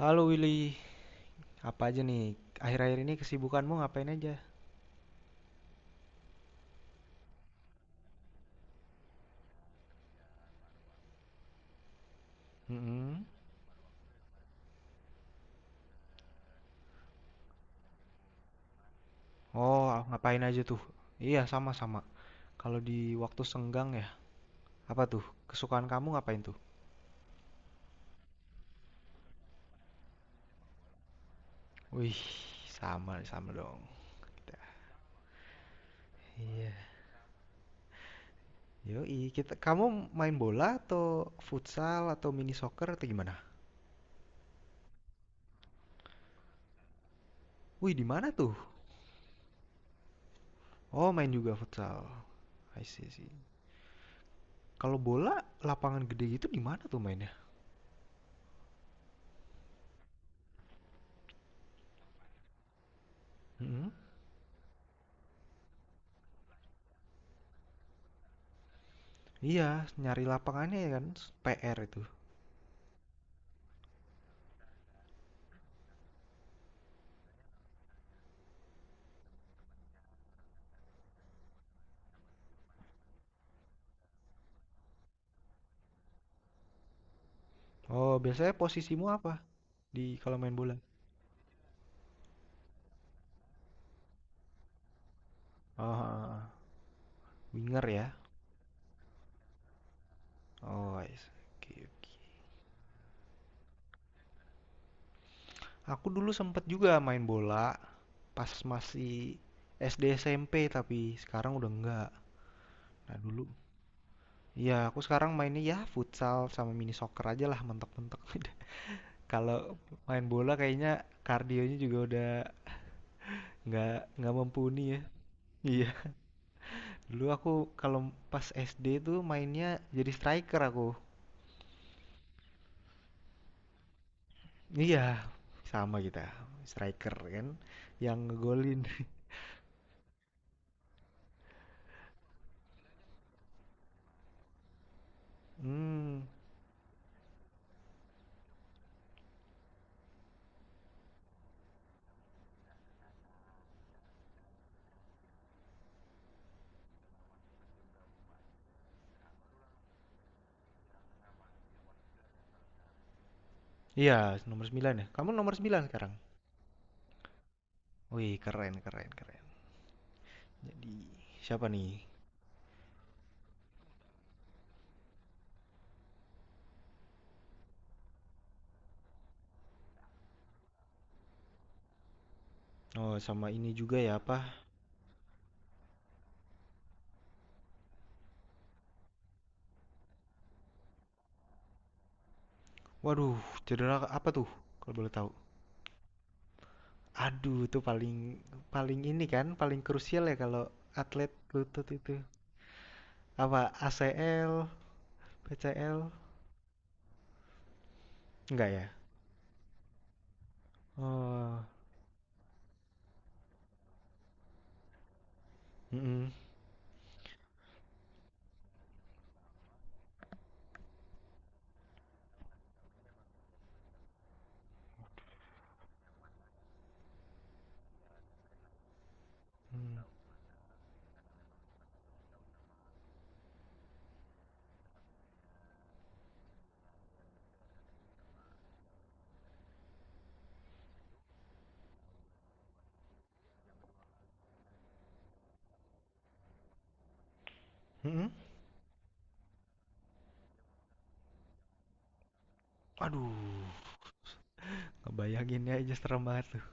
Halo Willy, apa aja nih? Akhir-akhir ini kesibukanmu ngapain aja? Mm-mm. Oh, ah, ngapain aja tuh? Iya, sama-sama. Kalau di waktu senggang ya, apa tuh? Kesukaan kamu ngapain tuh? Wih, sama sama dong. Yoi, kamu main bola atau futsal atau mini soccer atau gimana? Wih, di mana tuh? Oh, main juga futsal. I see. Kalau bola, lapangan gede gitu di mana tuh mainnya? Mm-mm. Iya, nyari lapangannya ya kan, PR itu. Oh, biasanya posisimu apa di kalau main bola? Ah, winger ya. Oh, I see. Oke, oke. Aku dulu sempet juga main bola pas masih SD SMP, tapi sekarang udah enggak. Nah, dulu. Iya, aku sekarang mainnya ya futsal sama mini soccer aja lah mentok-mentok. Kalau main bola kayaknya kardionya juga udah nggak nggak mumpuni ya. Iya, dulu aku kalau pas SD tuh mainnya jadi striker aku. Iya, sama kita. Striker kan yang ngegolin. Hmm. Iya, nomor 9 ya. Kamu nomor 9 sekarang. Wih, keren, keren, keren. Jadi siapa nih? Oh, sama ini juga ya apa? Waduh, cedera apa tuh? Kalau boleh tahu. Aduh, itu paling paling ini kan, paling krusial ya kalau atlet lutut itu. Apa ACL, PCL? Enggak ya? Oh, mm-mm. Hmm. Mm-mm. Aduh, ngebayangin aja serem banget tuh.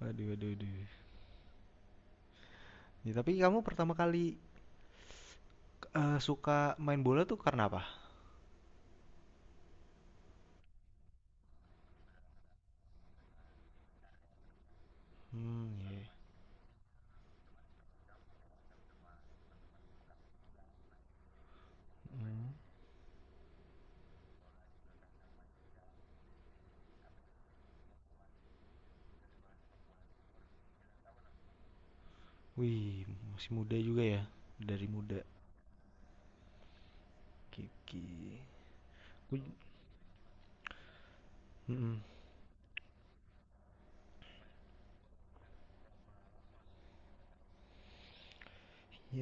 Waduh, waduh, waduh. Ya, tapi kamu pertama kali eh, suka main bola tuh karena apa? Hmm, ya. Hmm. Wih, masih muda juga ya. Dari muda. Kiki. Gua- Mm-mm.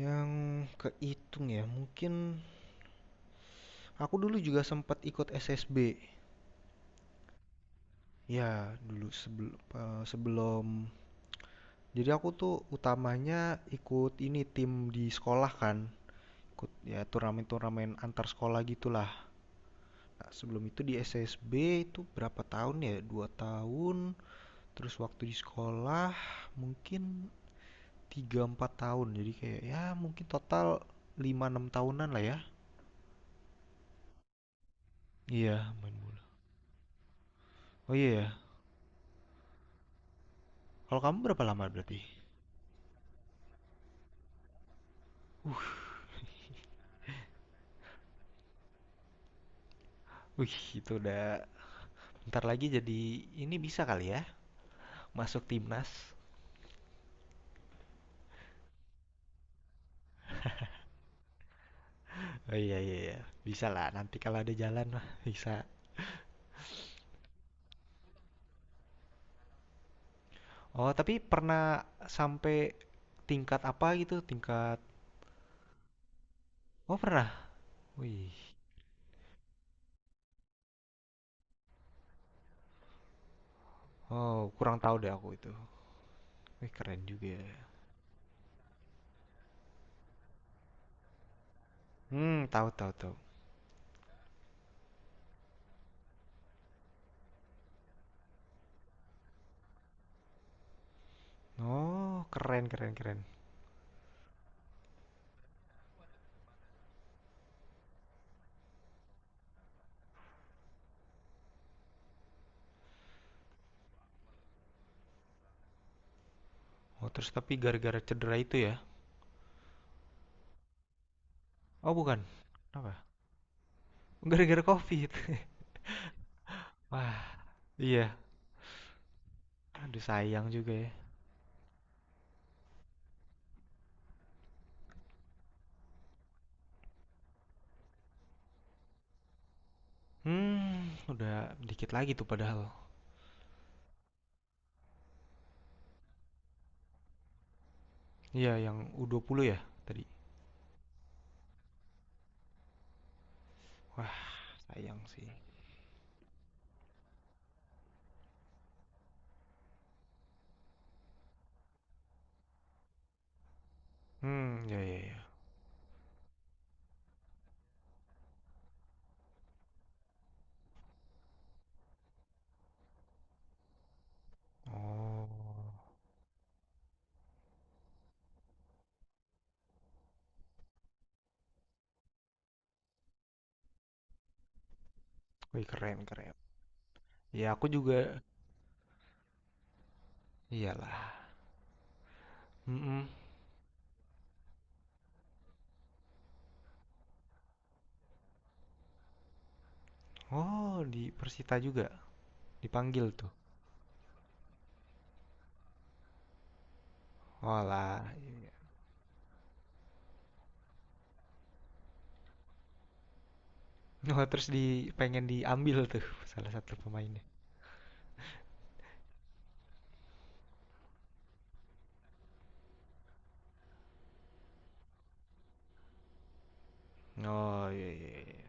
Yang kehitung ya, mungkin aku dulu juga sempat ikut SSB. Ya, dulu sebelum sebelum jadi aku tuh utamanya ikut ini tim di sekolah kan. Ikut ya turnamen-turnamen antar sekolah gitulah. Nah, sebelum itu di SSB itu berapa tahun ya? 2 tahun, terus waktu di sekolah mungkin 3 empat tahun. Jadi kayak ya mungkin total 5 enam tahunan lah ya. Iya, main bola. Oh iya ya. Kalau kamu berapa lama berarti? Wih, itu udah ntar lagi jadi ini bisa kali ya masuk timnas. Oh, iya, iya, iya. Bisa lah nanti kalau ada jalan mah bisa. Oh, tapi pernah sampai tingkat apa gitu? Tingkat. Oh, pernah. Wih. Oh, kurang tahu deh aku itu. Wih, keren juga ya. Hmm, tahu, tahu, tahu. Oh, keren, keren, keren. Oh, terus tapi gara-gara cedera itu ya? Oh, bukan. Apa? Gara-gara COVID. Wah, iya. Aduh, sayang juga ya. Hmm, udah dikit lagi tuh padahal. Iya, yang U-20 ya tadi. Wah, sayang sih. Hmm, ya, ya, ya. Oh, wih, keren, keren. Ya, aku juga. Iyalah. Mm-mm. Oh, di Persita juga dipanggil tuh. Walah. Oh, terus di pengen diambil tuh salah satu pemainnya. Oh, iya, iya, iya.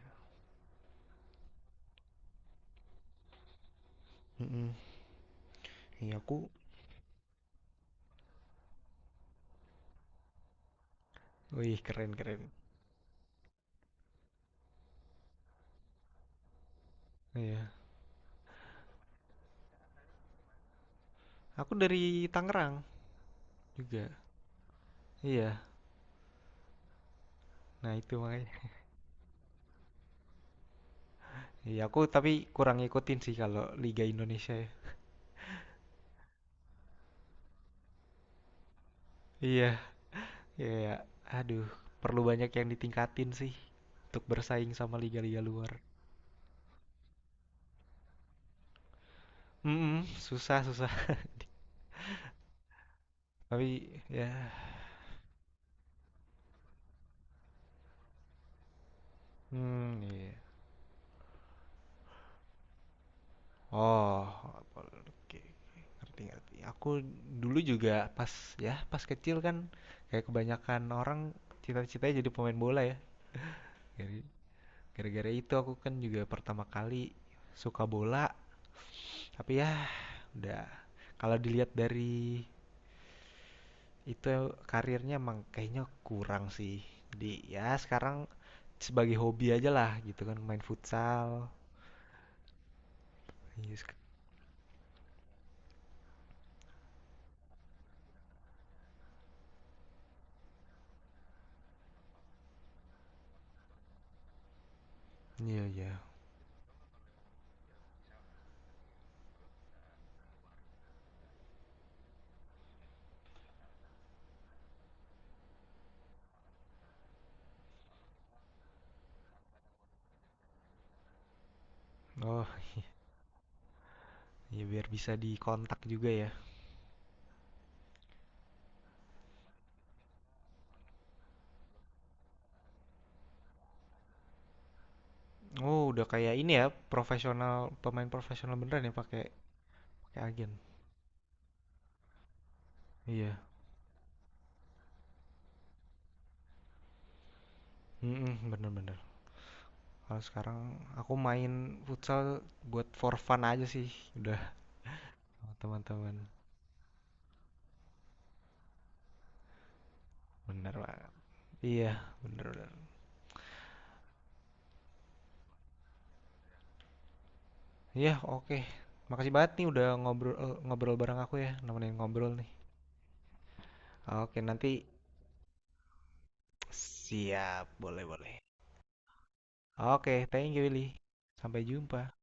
Mm-mm. Iya, aku. Wih, keren, keren. Iya. Aku dari Tangerang juga. Iya. Nah itu makanya. Iya, aku tapi kurang ngikutin sih kalau Liga Indonesia ya. Iya. Iya, iya. Aduh, perlu banyak yang ditingkatin sih untuk bersaing sama liga-liga luar. Mm, susah, susah. Tapi ya. Hmm, iya. Oh, oke, oke. Ngerti, ngerti. Aku dulu juga pas ya, pas kecil kan kayak kebanyakan orang cita-citanya jadi pemain bola ya. Gara- Gara-gara itu aku kan juga pertama kali suka bola, tapi ya udah, kalau dilihat dari itu karirnya emang kayaknya kurang sih. Jadi ya sekarang sebagai hobi aja lah gitu kan, main futsal. Iya, iya, iya. Oh, ya biar bisa dikontak juga ya. Oh, udah kayak ini ya, profesional, pemain profesional beneran ya pakai pakai agen. Iya. Mm-mm, bener-bener. Kalau sekarang aku main futsal buat for fun aja sih, udah sama teman-teman. Bener banget. Iya, bener-bener. Iya, oke. Makasih banget nih udah ngobrol bareng aku ya, nemenin ngobrol nih. Oke, nanti siap, boleh-boleh. Oke, thank you Willy. Sampai jumpa.